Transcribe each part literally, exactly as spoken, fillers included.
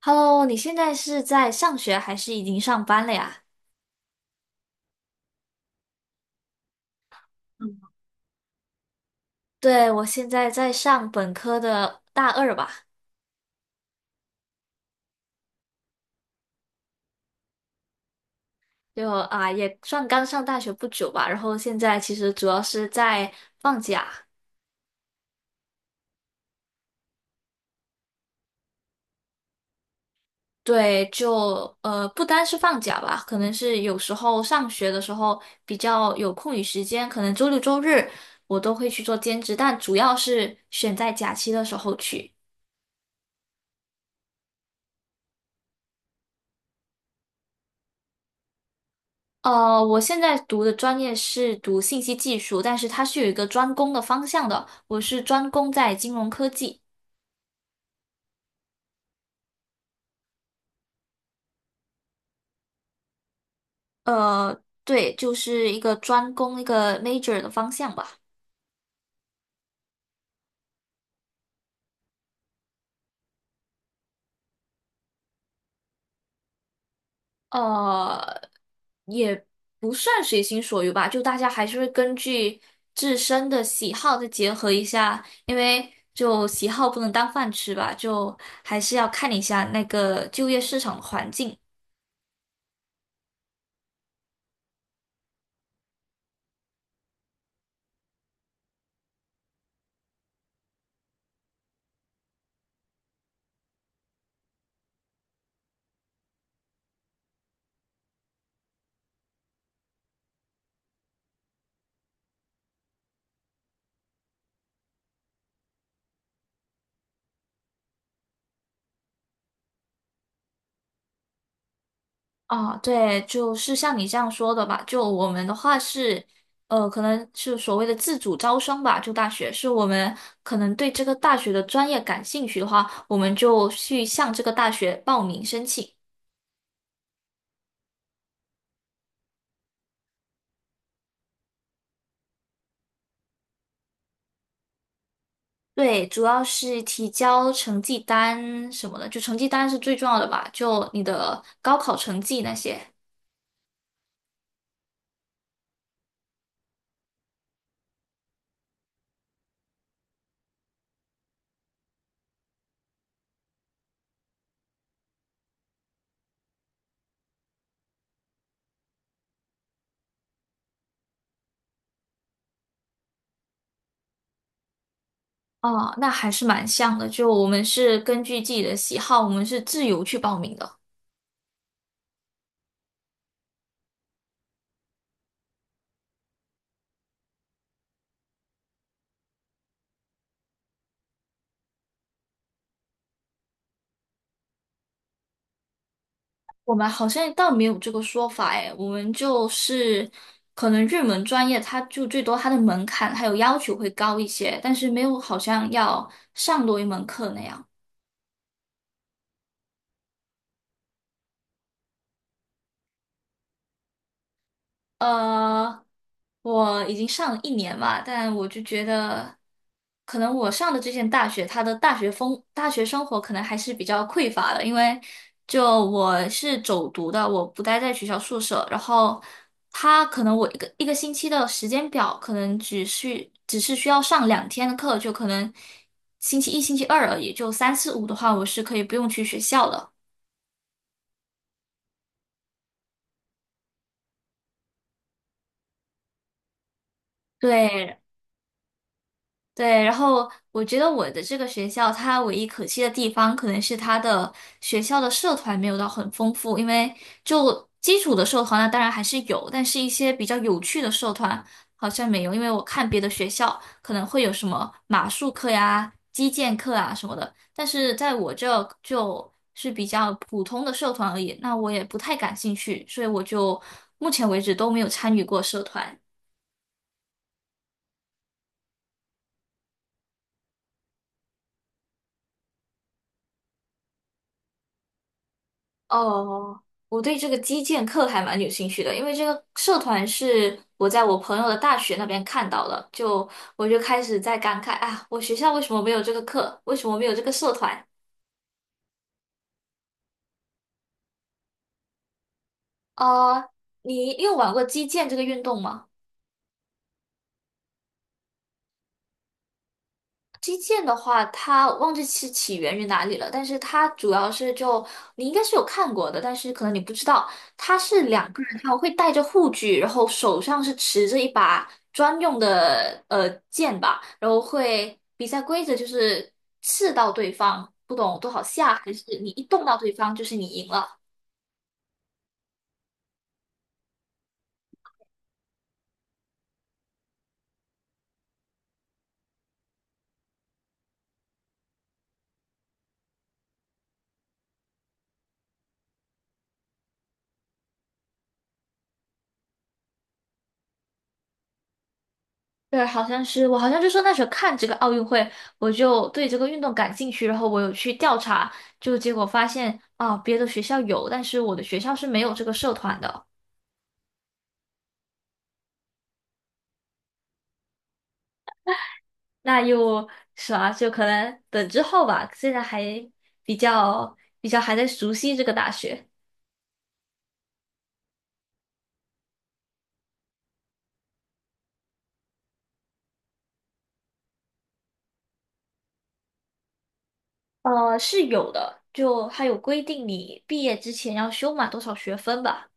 Hello，你现在是在上学还是已经上班了呀？对，我现在在上本科的大二吧，就啊也算刚上大学不久吧。然后现在其实主要是在放假，对，就呃不单是放假吧，可能是有时候上学的时候比较有空余时间，可能周六周日我都会去做兼职，但主要是选在假期的时候去。呃，我现在读的专业是读信息技术，但是它是有一个专攻的方向的。我是专攻在金融科技，呃，对，就是一个专攻一个 major 的方向吧。呃，也不算随心所欲吧，就大家还是会根据自身的喜好再结合一下，因为就喜好不能当饭吃吧，就还是要看一下那个就业市场的环境。啊，对，就是像你这样说的吧。就我们的话是，呃，可能是所谓的自主招生吧。就大学是我们可能对这个大学的专业感兴趣的话，我们就去向这个大学报名申请。对，主要是提交成绩单什么的，就成绩单是最重要的吧。就你的高考成绩那些。哦，那还是蛮像的。就我们是根据自己的喜好，我们是自由去报名的。我们好像倒没有这个说法哎，我们就是可能热门专业，它就最多它的门槛还有要求会高一些，但是没有好像要上多一门课那样。呃，我已经上了一年吧，但我就觉得，可能我上的这间大学，它的大学风、大学生活可能还是比较匮乏的，因为就我是走读的，我不待在学校宿舍，然后他可能我一个一个星期的时间表，可能只需只是需要上两天的课，就可能星期一、星期二而已，就三四五的话，我是可以不用去学校的。对，对，然后我觉得我的这个学校，它唯一可惜的地方，可能是它的学校的社团没有到很丰富，因为就基础的社团呢，当然还是有，但是一些比较有趣的社团好像没有，因为我看别的学校可能会有什么马术课呀、击剑课啊什么的，但是在我这就是比较普通的社团而已，那我也不太感兴趣，所以我就目前为止都没有参与过社团。哦，我对这个击剑课还蛮有兴趣的，因为这个社团是我在我朋友的大学那边看到的，就我就开始在感慨啊，我学校为什么没有这个课，为什么没有这个社团？呃，你你有玩过击剑这个运动吗？击剑的话，它忘记是起源于哪里了，但是它主要是就你应该是有看过的，但是可能你不知道，它是两个人，他们会带着护具，然后手上是持着一把专用的呃剑吧，然后会比赛规则就是刺到对方，不懂多少下，还是你一动到对方就是你赢了。对，好像是我好像就说那时候看这个奥运会，我就对这个运动感兴趣，然后我有去调查，就结果发现啊，别的学校有，但是我的学校是没有这个社团的。那又是吧，就可能等之后吧，现在还比较比较还在熟悉这个大学。呃，是有的，就还有规定你毕业之前要修满多少学分吧。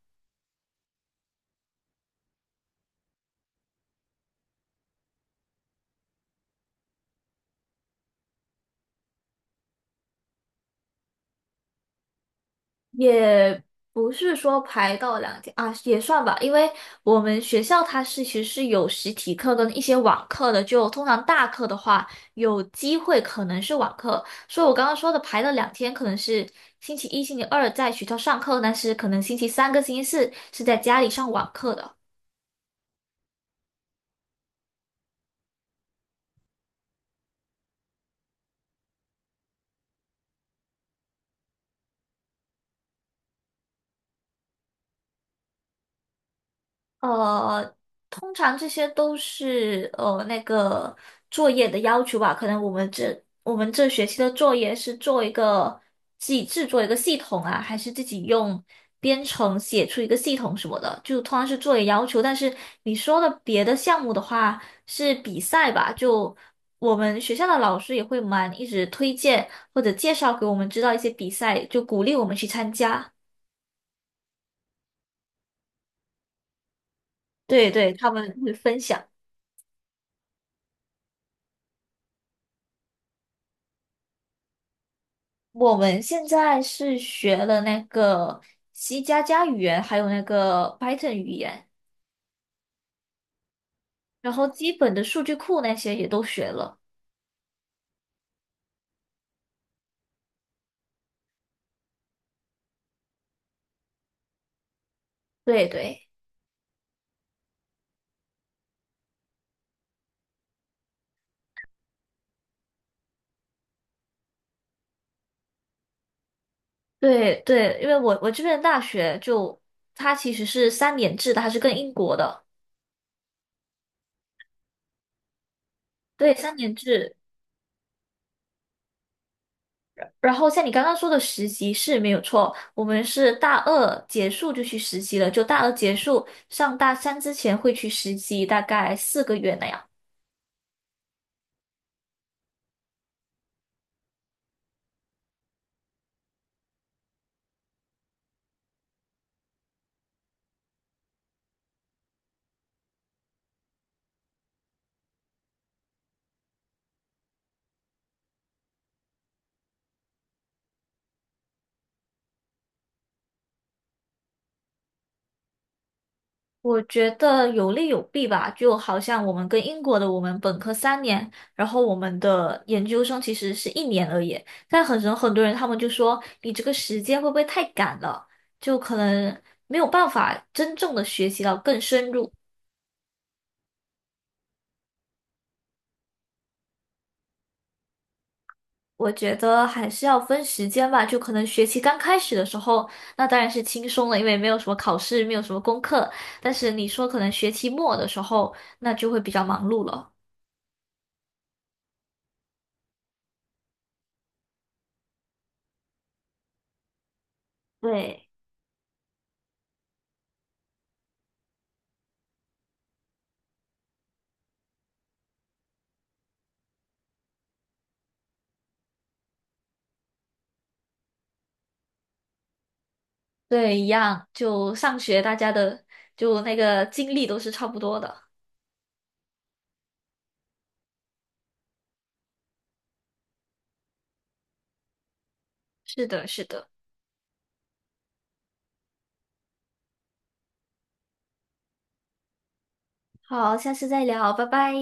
也不是说排到两天啊，也算吧，因为我们学校它是其实是有实体课跟一些网课的，就通常大课的话有机会可能是网课，所以我刚刚说的排了两天，可能是星期一、星期二在学校上课，但是可能星期三跟星期四是在家里上网课的。呃，通常这些都是呃那个作业的要求吧。可能我们这我们这学期的作业是做一个自己制作一个系统啊，还是自己用编程写出一个系统什么的，就通常是作业要求。但是你说的别的项目的话是比赛吧，就我们学校的老师也会蛮一直推荐或者介绍给我们知道一些比赛，就鼓励我们去参加。对对，他们会分享。我们现在是学了那个 C 加加语言，还有那个 Python 语言，然后基本的数据库那些也都学了。对对对对，因为我我这边的大学就它其实是三年制的，它是跟英国的，对，三年制。然后像你刚刚说的实习是没有错，我们是大二结束就去实习了，就大二结束上大三之前会去实习，大概四个月那样。我觉得有利有弊吧，就好像我们跟英国的，我们本科三年，然后我们的研究生其实是一年而已。但很多很多人他们就说，你这个时间会不会太赶了？就可能没有办法真正的学习到更深入。我觉得还是要分时间吧，就可能学期刚开始的时候，那当然是轻松了，因为没有什么考试，没有什么功课。但是你说可能学期末的时候，那就会比较忙碌了。对。对，一样，就上学大家的就那个经历都是差不多的。是的，是的。好，下次再聊，拜拜。